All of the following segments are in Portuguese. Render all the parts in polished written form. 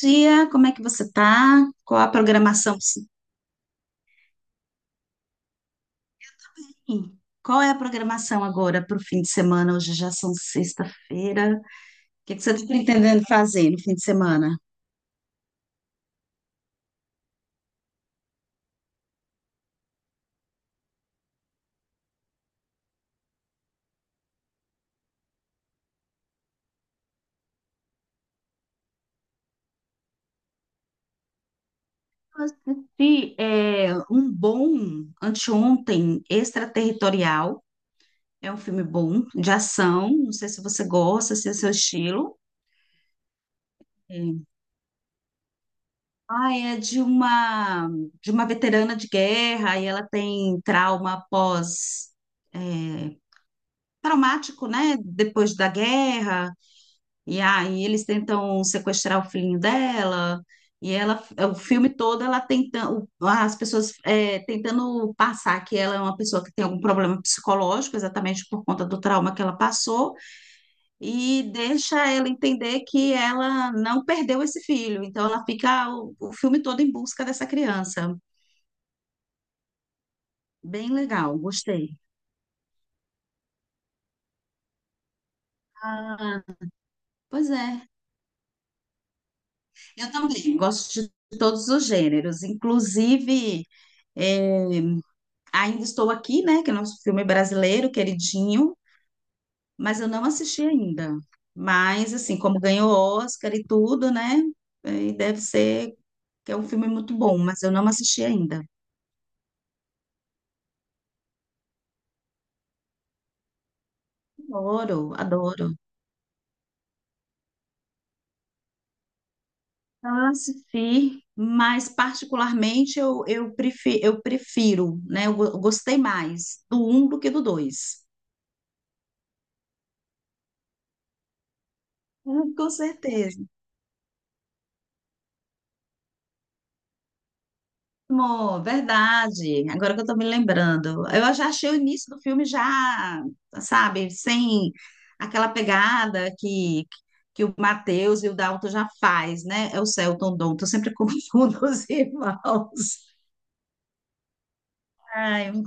Dia, como é que você tá? Qual a programação? Sim. Qual é a programação agora para o fim de semana? Hoje já são sexta-feira. O que que você está pretendendo fazer no fim de semana? Eu assisti um bom anteontem, Extraterritorial. É um filme bom, de ação. Não sei se você gosta, se é seu estilo. É. Ah, é de uma veterana de guerra e ela tem trauma pós traumático, né? Depois da guerra, e aí eles tentam sequestrar o filhinho dela, e ela, o filme todo, ela tentando, as pessoas tentando passar que ela é uma pessoa que tem algum problema psicológico, exatamente por conta do trauma que ela passou, e deixa ela entender que ela não perdeu esse filho, então ela fica o filme todo em busca dessa criança. Bem legal, gostei. Ah, pois é. Eu também gosto de todos os gêneros, inclusive é, Ainda Estou Aqui, né? Que é nosso filme brasileiro, queridinho, mas eu não assisti ainda. Mas, assim, como ganhou Oscar e tudo, né? E deve ser que é um filme muito bom, mas eu não assisti ainda. Adoro, adoro. Ah, assisti, mas particularmente eu prefiro, né? Eu gostei mais do um do que do dois. Hum. Com certeza. Amor, verdade. Agora que eu tô me lembrando. Eu já achei o início do filme já, sabe, sem aquela pegada que o Matheus e o Dalton já faz, né? É o Celton Dalton, eu sempre confundo os irmãos. Ai,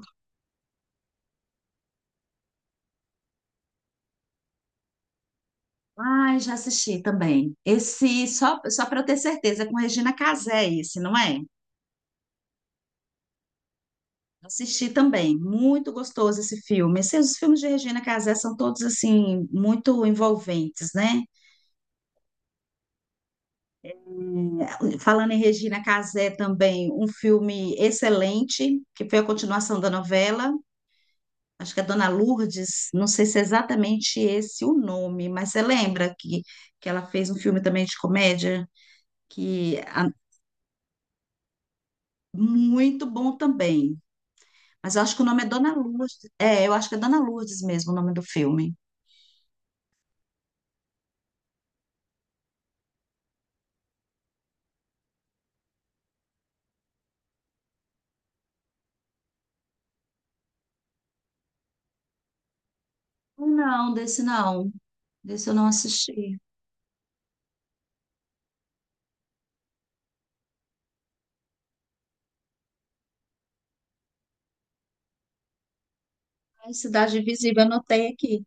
ai, já assisti também. Esse, só para eu ter certeza, é com Regina Casé esse, não é? Assisti também, muito gostoso esse filme. Esses, os filmes de Regina Casé são todos, assim, muito envolventes, né? Falando em Regina Casé também, um filme excelente, que foi a continuação da novela, acho que é Dona Lourdes, não sei se é exatamente esse o nome, mas você lembra que ela fez um filme também de comédia, que muito bom também, mas eu acho que o nome é Dona Lourdes, eu acho que é Dona Lourdes mesmo o nome do filme. Não, desse não, desse eu não assisti. É Cidade Invisível, anotei aqui.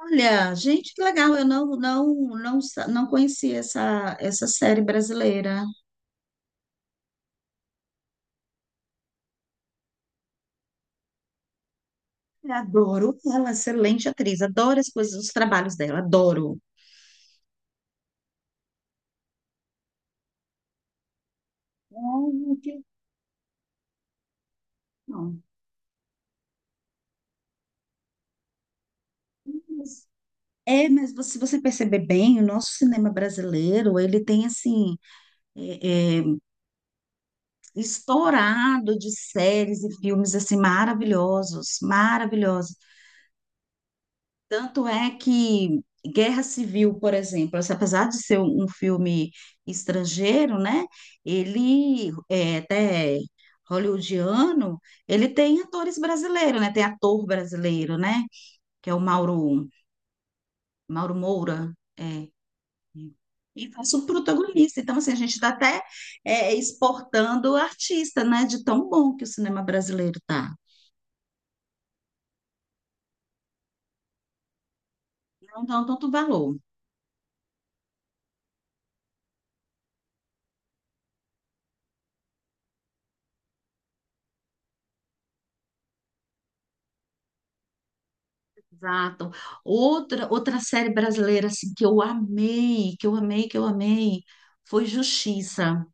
Olha, gente, que legal, eu não conhecia essa série brasileira. Eu adoro ela, excelente atriz, adoro as coisas, os trabalhos dela, adoro. Ai, que legal. É, mas se você perceber bem, o nosso cinema brasileiro, ele tem, assim, é, é, estourado de séries e filmes, assim, maravilhosos, maravilhosos. Tanto é que Guerra Civil, por exemplo, assim, apesar de ser um filme estrangeiro, né? Ele é até hollywoodiano, ele tem atores brasileiros, né? Tem ator brasileiro, né? Que é o Mauro, Mauro Moura. É. E faz o protagonista. Então, assim, a gente está até exportando o artista, né? De tão bom que o cinema brasileiro tá. Não dá tanto valor. Exato. Outra série brasileira assim, que eu amei, que eu amei, que eu amei, foi Justiça.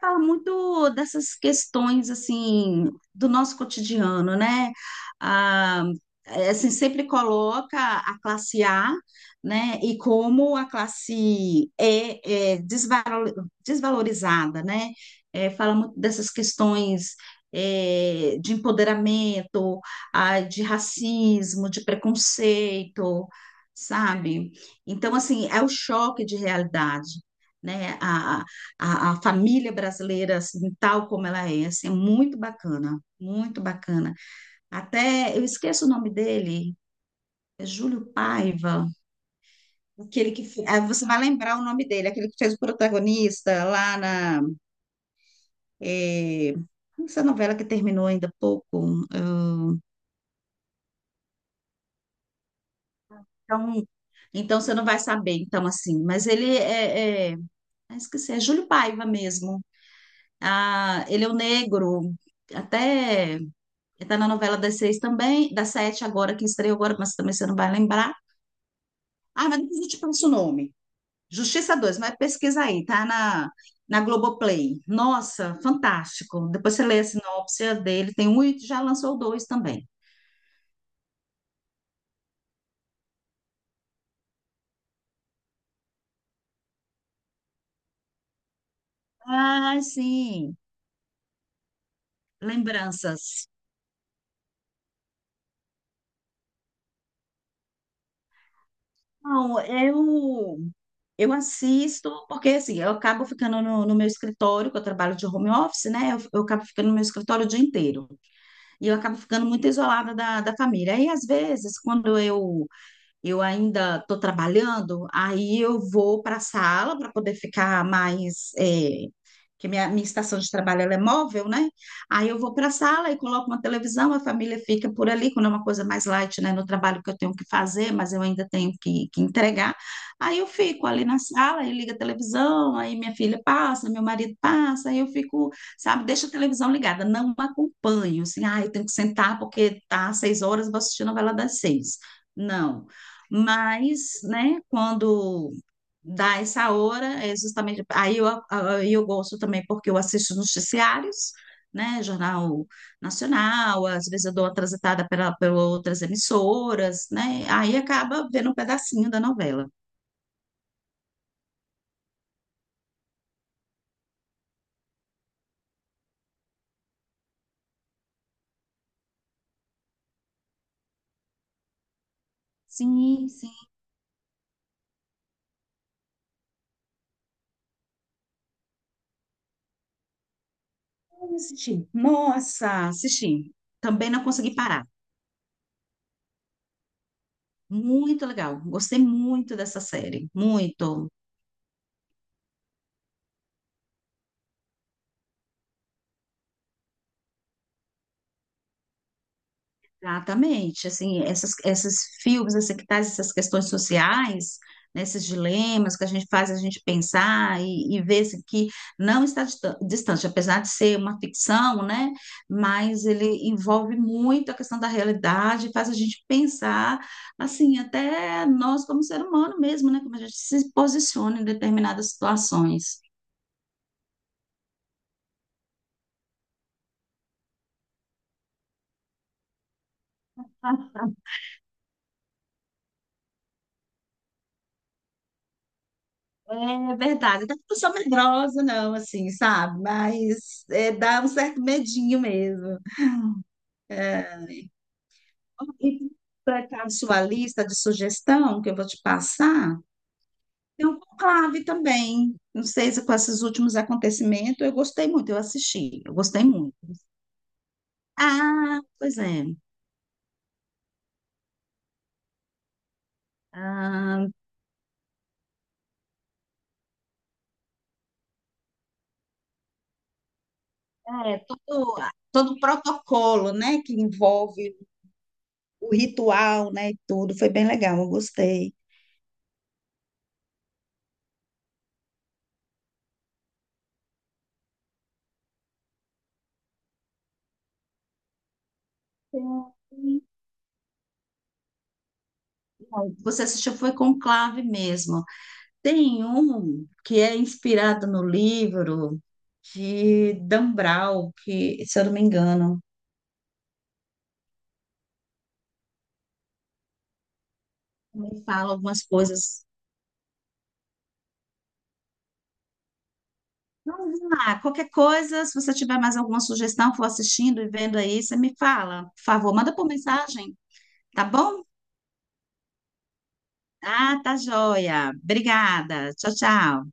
Fala muito dessas questões assim do nosso cotidiano, né? Ah, assim, sempre coloca a classe A, né? E como a classe E é desvalorizada, né? É, fala muito dessas questões de empoderamento, ah, de racismo, de preconceito, sabe? Então, assim, é o choque de realidade, né? A família brasileira, assim, tal como ela é, assim, é muito bacana, muito bacana. Até, eu esqueço o nome dele, é Júlio Paiva, aquele que Você vai lembrar o nome dele, aquele que fez o protagonista lá na. É, essa novela que terminou ainda há pouco. Então, então você não vai saber, então, assim. Mas ele é, esqueci, é Júlio Paiva mesmo. Ah, ele é o negro. Até está na novela das seis também, das sete agora, que estreou agora, mas também você não vai lembrar. Ah, mas depois eu te passo o nome. Justiça 2, mas pesquisa aí, tá na, na Globoplay. Nossa, fantástico. Depois você lê a sinopse dele, tem um e já lançou o dois também. Ah, sim. Lembranças. Não, eu assisto, porque assim, eu acabo ficando no meu escritório, que eu trabalho de home office, né? Eu acabo ficando no meu escritório o dia inteiro. E eu acabo ficando muito isolada da família. Aí às vezes, quando eu ainda estou trabalhando, aí eu vou para a sala para poder ficar mais. É, que minha estação de trabalho ela é móvel, né? Aí eu vou para a sala e coloco uma televisão, a família fica por ali, quando é uma coisa mais light, né? No trabalho que eu tenho que fazer, mas eu ainda tenho que entregar. Aí eu fico ali na sala e liga a televisão, aí minha filha passa, meu marido passa, aí eu fico, sabe, deixa a televisão ligada, não acompanho, assim, ah, eu tenho que sentar porque tá às 6 horas, vou assistir a novela das 6. Não, mas, né, quando dá essa hora, é justamente. Aí eu gosto também porque eu assisto noticiários, né, Jornal Nacional, às vezes eu dou uma transitada pela, por outras emissoras, né, aí acaba vendo um pedacinho da novela. Sim, sim. Eu assisti. Nossa, assisti. Também não consegui parar. Muito legal. Gostei muito dessa série. Muito. Exatamente, assim, essas, esses filmes, assim, que traz essas questões sociais, né, esses dilemas que a gente faz a gente pensar e ver assim, que não está distante, apesar de ser uma ficção, né, mas ele envolve muito a questão da realidade, faz a gente pensar, assim, até nós como ser humano mesmo, né, como a gente se posiciona em determinadas situações. É verdade, eu não sou medrosa, não, assim, sabe? Mas é, dá um certo medinho mesmo. É, E completar a sua lista de sugestão que eu vou te passar, tem um conclave também. Não sei se com esses últimos acontecimentos, eu gostei muito, eu assisti, eu gostei muito. Ah, pois é. Ah, é todo o protocolo, né, que envolve o ritual, né, e tudo, foi bem legal, eu gostei. Sim. Você assistiu, foi conclave mesmo. Tem um que é inspirado no livro de Dan Brown, que, se eu não me engano, Me fala algumas coisas. Então, vamos lá, qualquer coisa, se você tiver mais alguma sugestão, for assistindo e vendo aí, você me fala. Por favor, manda por mensagem, tá bom? Ah, tá joia. Obrigada. Tchau, tchau.